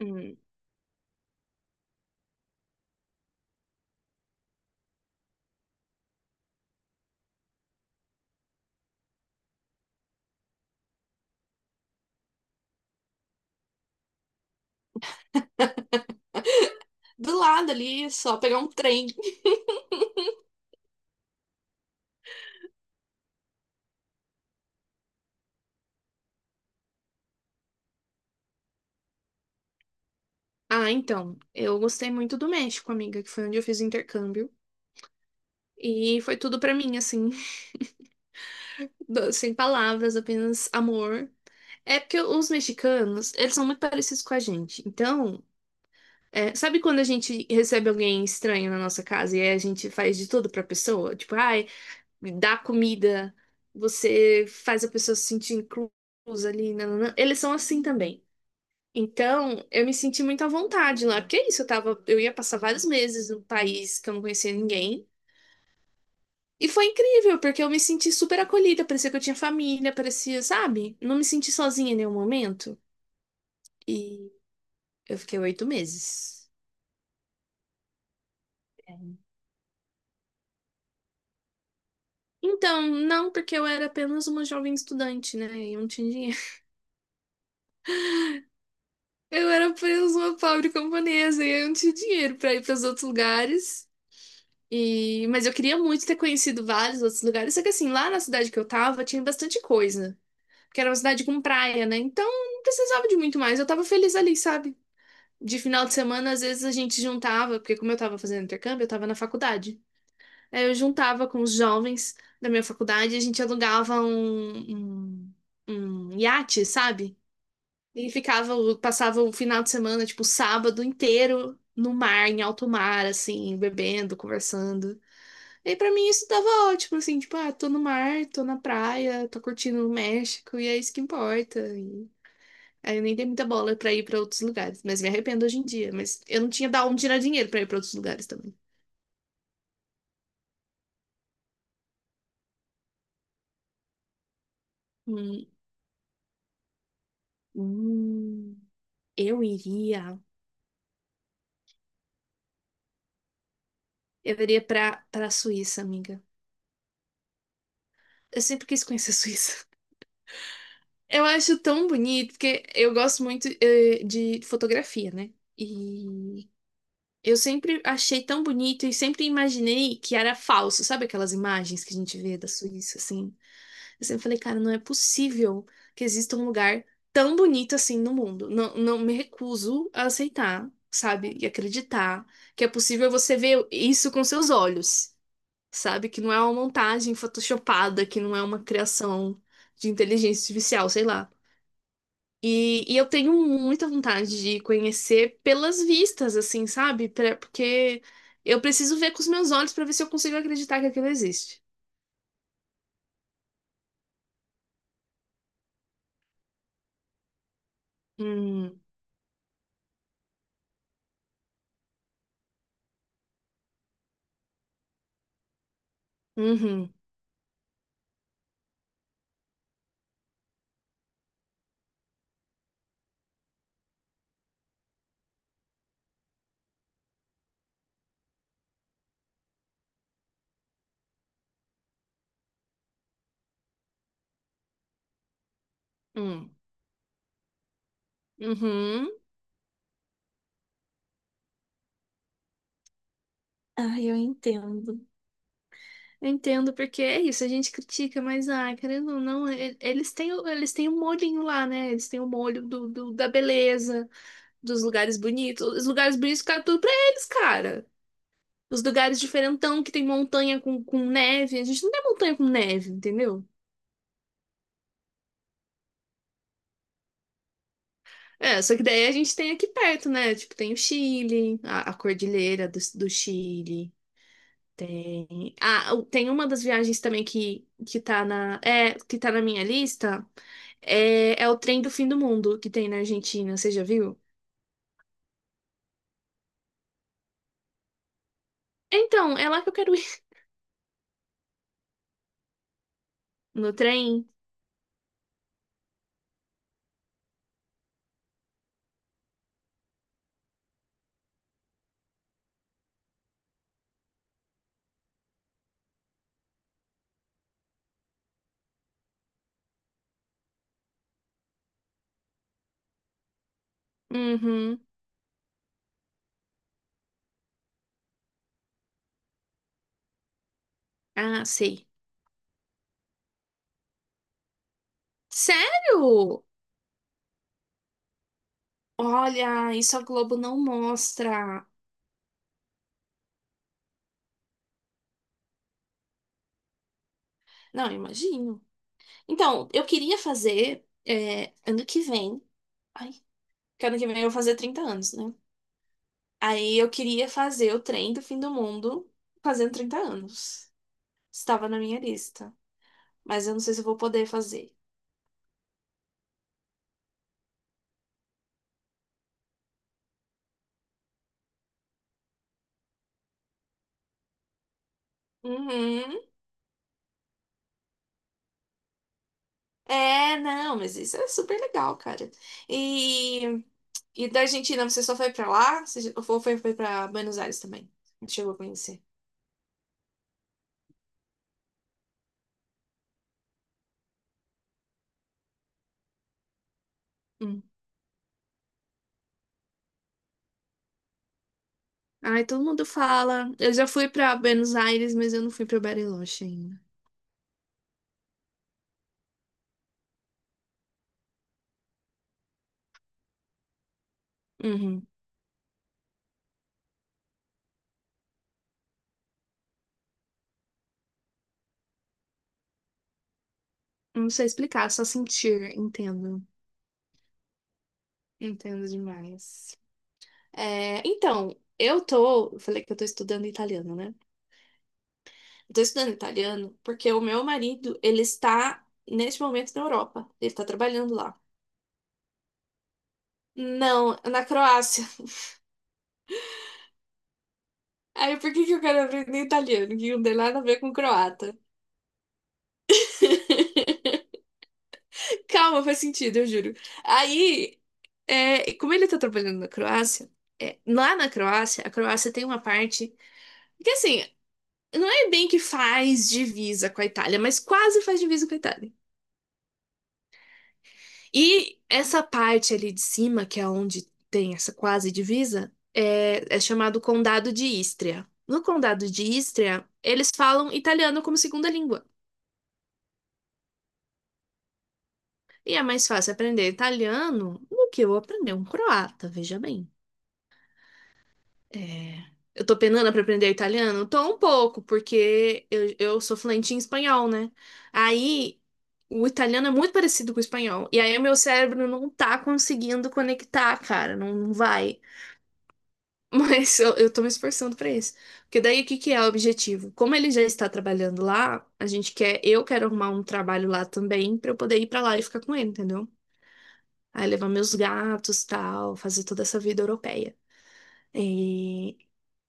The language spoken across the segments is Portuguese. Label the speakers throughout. Speaker 1: Hum. Do lado ali, só pegar um trem. Ah, então, eu gostei muito do México, amiga, que foi onde eu fiz o intercâmbio. E foi tudo pra mim, assim, sem palavras, apenas amor. É porque os mexicanos, eles são muito parecidos com a gente. Então, sabe quando a gente recebe alguém estranho na nossa casa e aí a gente faz de tudo pra pessoa? Tipo, ai, dá comida, você faz a pessoa se sentir inclusa ali. Nananã. Eles são assim também. Então, eu me senti muito à vontade lá, porque é isso, eu ia passar vários meses num país que eu não conhecia ninguém. E foi incrível, porque eu me senti super acolhida, parecia que eu tinha família, parecia, sabe? Não me senti sozinha em nenhum momento. E eu fiquei 8 meses. Então, não, porque eu era apenas uma jovem estudante, né? E eu não tinha dinheiro. Eu era apenas uma pobre camponesa e eu não tinha dinheiro pra ir para os outros lugares. Mas eu queria muito ter conhecido vários outros lugares. Só que assim, lá na cidade que eu tava, tinha bastante coisa. Porque era uma cidade com praia, né? Então não precisava de muito mais. Eu tava feliz ali, sabe? De final de semana, às vezes a gente juntava, porque como eu tava fazendo intercâmbio, eu tava na faculdade. Aí eu juntava com os jovens da minha faculdade, e a gente alugava um iate, sabe? E ficava, passava o final de semana, tipo, o sábado inteiro no mar, em alto mar, assim, bebendo, conversando. E pra mim isso tava ótimo, assim, tipo, ah, tô no mar, tô na praia, tô curtindo o México, e é isso que importa. Aí eu nem dei muita bola pra ir pra outros lugares, mas me arrependo hoje em dia. Mas eu não tinha da onde tirar dinheiro pra ir pra outros lugares também. Hum, hum, eu iria. Eu iria pra Suíça, amiga. Eu sempre quis conhecer a Suíça. Eu acho tão bonito, porque eu gosto muito, de fotografia, né? E eu sempre achei tão bonito e sempre imaginei que era falso. Sabe aquelas imagens que a gente vê da Suíça, assim? Eu sempre falei, cara, não é possível que exista um lugar tão bonito assim no mundo. Não, não me recuso a aceitar, sabe? E acreditar que é possível você ver isso com seus olhos, sabe? Que não é uma montagem photoshopada, que não é uma criação de inteligência artificial, sei lá. E eu tenho muita vontade de conhecer pelas vistas, assim, sabe? Porque eu preciso ver com os meus olhos para ver se eu consigo acreditar que aquilo existe. Hum, uhum, hum, uhum. Ah, eu entendo. Eu entendo, porque é isso, a gente critica, mas, ah, querendo ou não, eles têm o molhinho lá, né? Eles têm o molho da beleza, dos lugares bonitos. Os lugares bonitos ficaram tudo pra eles, cara. Os lugares diferentão, que tem montanha com neve. A gente não tem montanha com neve, entendeu? É, só que daí a gente tem aqui perto, né? Tipo, tem o Chile, a cordilheira do Chile. Tem. Ah, tem uma das viagens também que tá na minha lista. É o trem do fim do mundo que tem na Argentina, você já viu? Então, é lá que eu quero ir. No trem? Uhum. Ah, sei. Sério? Olha, isso a Globo não mostra. Não, imagino. Então, eu queria fazer ano que vem. Ai, que ano que vem eu vou fazer 30 anos, né? Aí eu queria fazer o trem do fim do mundo fazendo 30 anos. Estava na minha lista, mas eu não sei se eu vou poder fazer. Uhum. É, não, mas isso é super legal, cara. E, e da Argentina, você só foi pra lá? Você ou foi pra Buenos Aires também? Chegou a conhecer. Hum. Ai, todo mundo fala. Eu já fui pra Buenos Aires, mas eu não fui pra Bariloche ainda. Uhum. Não sei explicar, só sentir, entendo. Entendo demais. É, então, eu falei que eu tô estudando italiano, né? Estou estudando italiano porque o meu marido, ele está neste momento na Europa. Ele está trabalhando lá. Não, na Croácia. Aí por que que eu quero aprender italiano? Que não tem nada a ver com croata. Calma, faz sentido, eu juro. Aí, como ele tá trabalhando na Croácia, lá na Croácia, a Croácia tem uma parte que, assim, não é bem que faz divisa com a Itália, mas quase faz divisa com a Itália. E essa parte ali de cima, que é onde tem essa quase divisa, é chamado Condado de Istria. No Condado de Istria, eles falam italiano como segunda língua. E é mais fácil aprender italiano do que eu aprender um croata, veja bem. É, eu tô penando pra aprender italiano? Tô um pouco, porque eu sou fluente em espanhol, né? Aí, o italiano é muito parecido com o espanhol. E aí, o meu cérebro não tá conseguindo conectar, cara, não vai. Mas eu tô me esforçando pra isso. Porque daí o que que é o objetivo? Como ele já está trabalhando lá, eu quero arrumar um trabalho lá também pra eu poder ir pra lá e ficar com ele, entendeu? Aí levar meus gatos, tal, fazer toda essa vida europeia. E-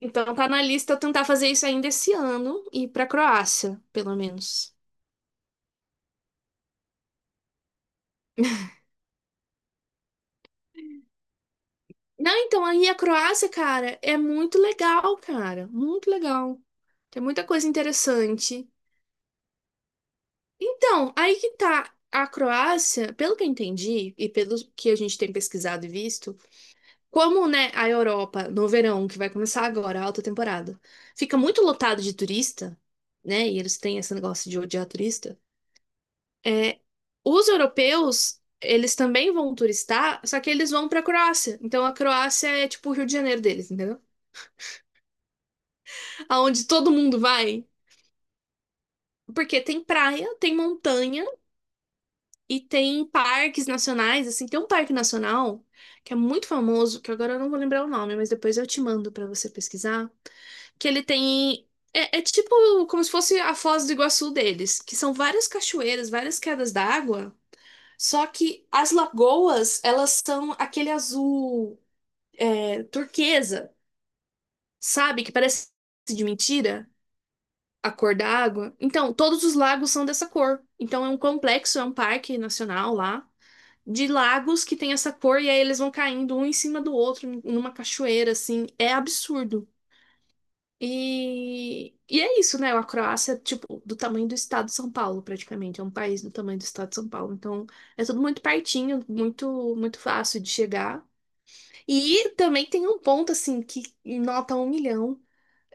Speaker 1: Então tá na lista eu tentar fazer isso ainda esse ano e ir pra Croácia, pelo menos. Não, então aí a Croácia, cara, é muito legal, cara, muito legal. Tem muita coisa interessante. Então, aí que tá. A Croácia, pelo que eu entendi e pelo que a gente tem pesquisado e visto, como, né, a Europa no verão, que vai começar agora, a alta temporada, fica muito lotado de turista, né? E eles têm esse negócio de odiar turista. É, os europeus, eles também vão turistar, só que eles vão pra Croácia. Então a Croácia é tipo o Rio de Janeiro deles, entendeu? Aonde todo mundo vai, porque tem praia, tem montanha. E tem parques nacionais, assim, tem um parque nacional que é muito famoso, que agora eu não vou lembrar o nome, mas depois eu te mando pra você pesquisar, que ele tem é tipo como se fosse a Foz do Iguaçu deles, que são várias cachoeiras, várias quedas d'água, só que as lagoas, elas são aquele azul turquesa, sabe? Que parece de mentira. A cor da água. Então, todos os lagos são dessa cor. Então, é um complexo, é um parque nacional lá de lagos que tem essa cor e aí eles vão caindo um em cima do outro numa cachoeira, assim. É absurdo. E é isso, né? A Croácia, tipo, do tamanho do estado de São Paulo, praticamente. É um país do tamanho do estado de São Paulo. Então, é tudo muito pertinho, muito, muito fácil de chegar. E também tem um ponto, assim, que nota um milhão,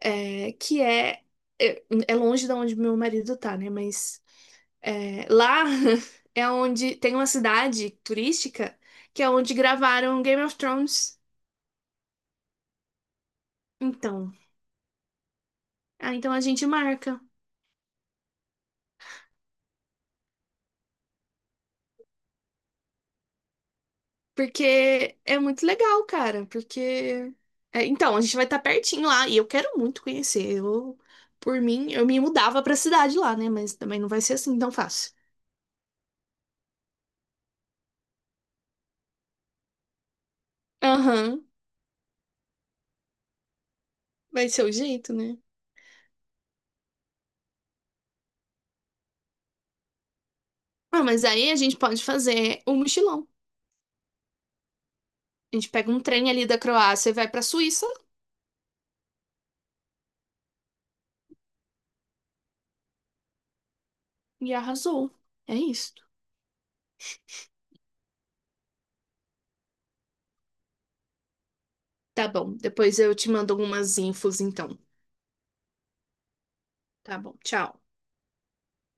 Speaker 1: é, que é, é. É longe de onde meu marido tá, né? Mas lá é onde tem uma cidade turística que é onde gravaram Game of Thrones. Então, ah, então a gente marca. Porque é muito legal, cara. Porque. Então, a gente vai estar pertinho lá. E eu quero muito conhecer. Eu, por mim, eu me mudava pra cidade lá, né? Mas também não vai ser assim tão fácil. Aham, vai ser o jeito, né? Ah, mas aí a gente pode fazer um mochilão. A gente pega um trem ali da Croácia e vai pra Suíça. E arrasou. É isso. Tá bom, depois eu te mando algumas infos então. Tá bom, tchau.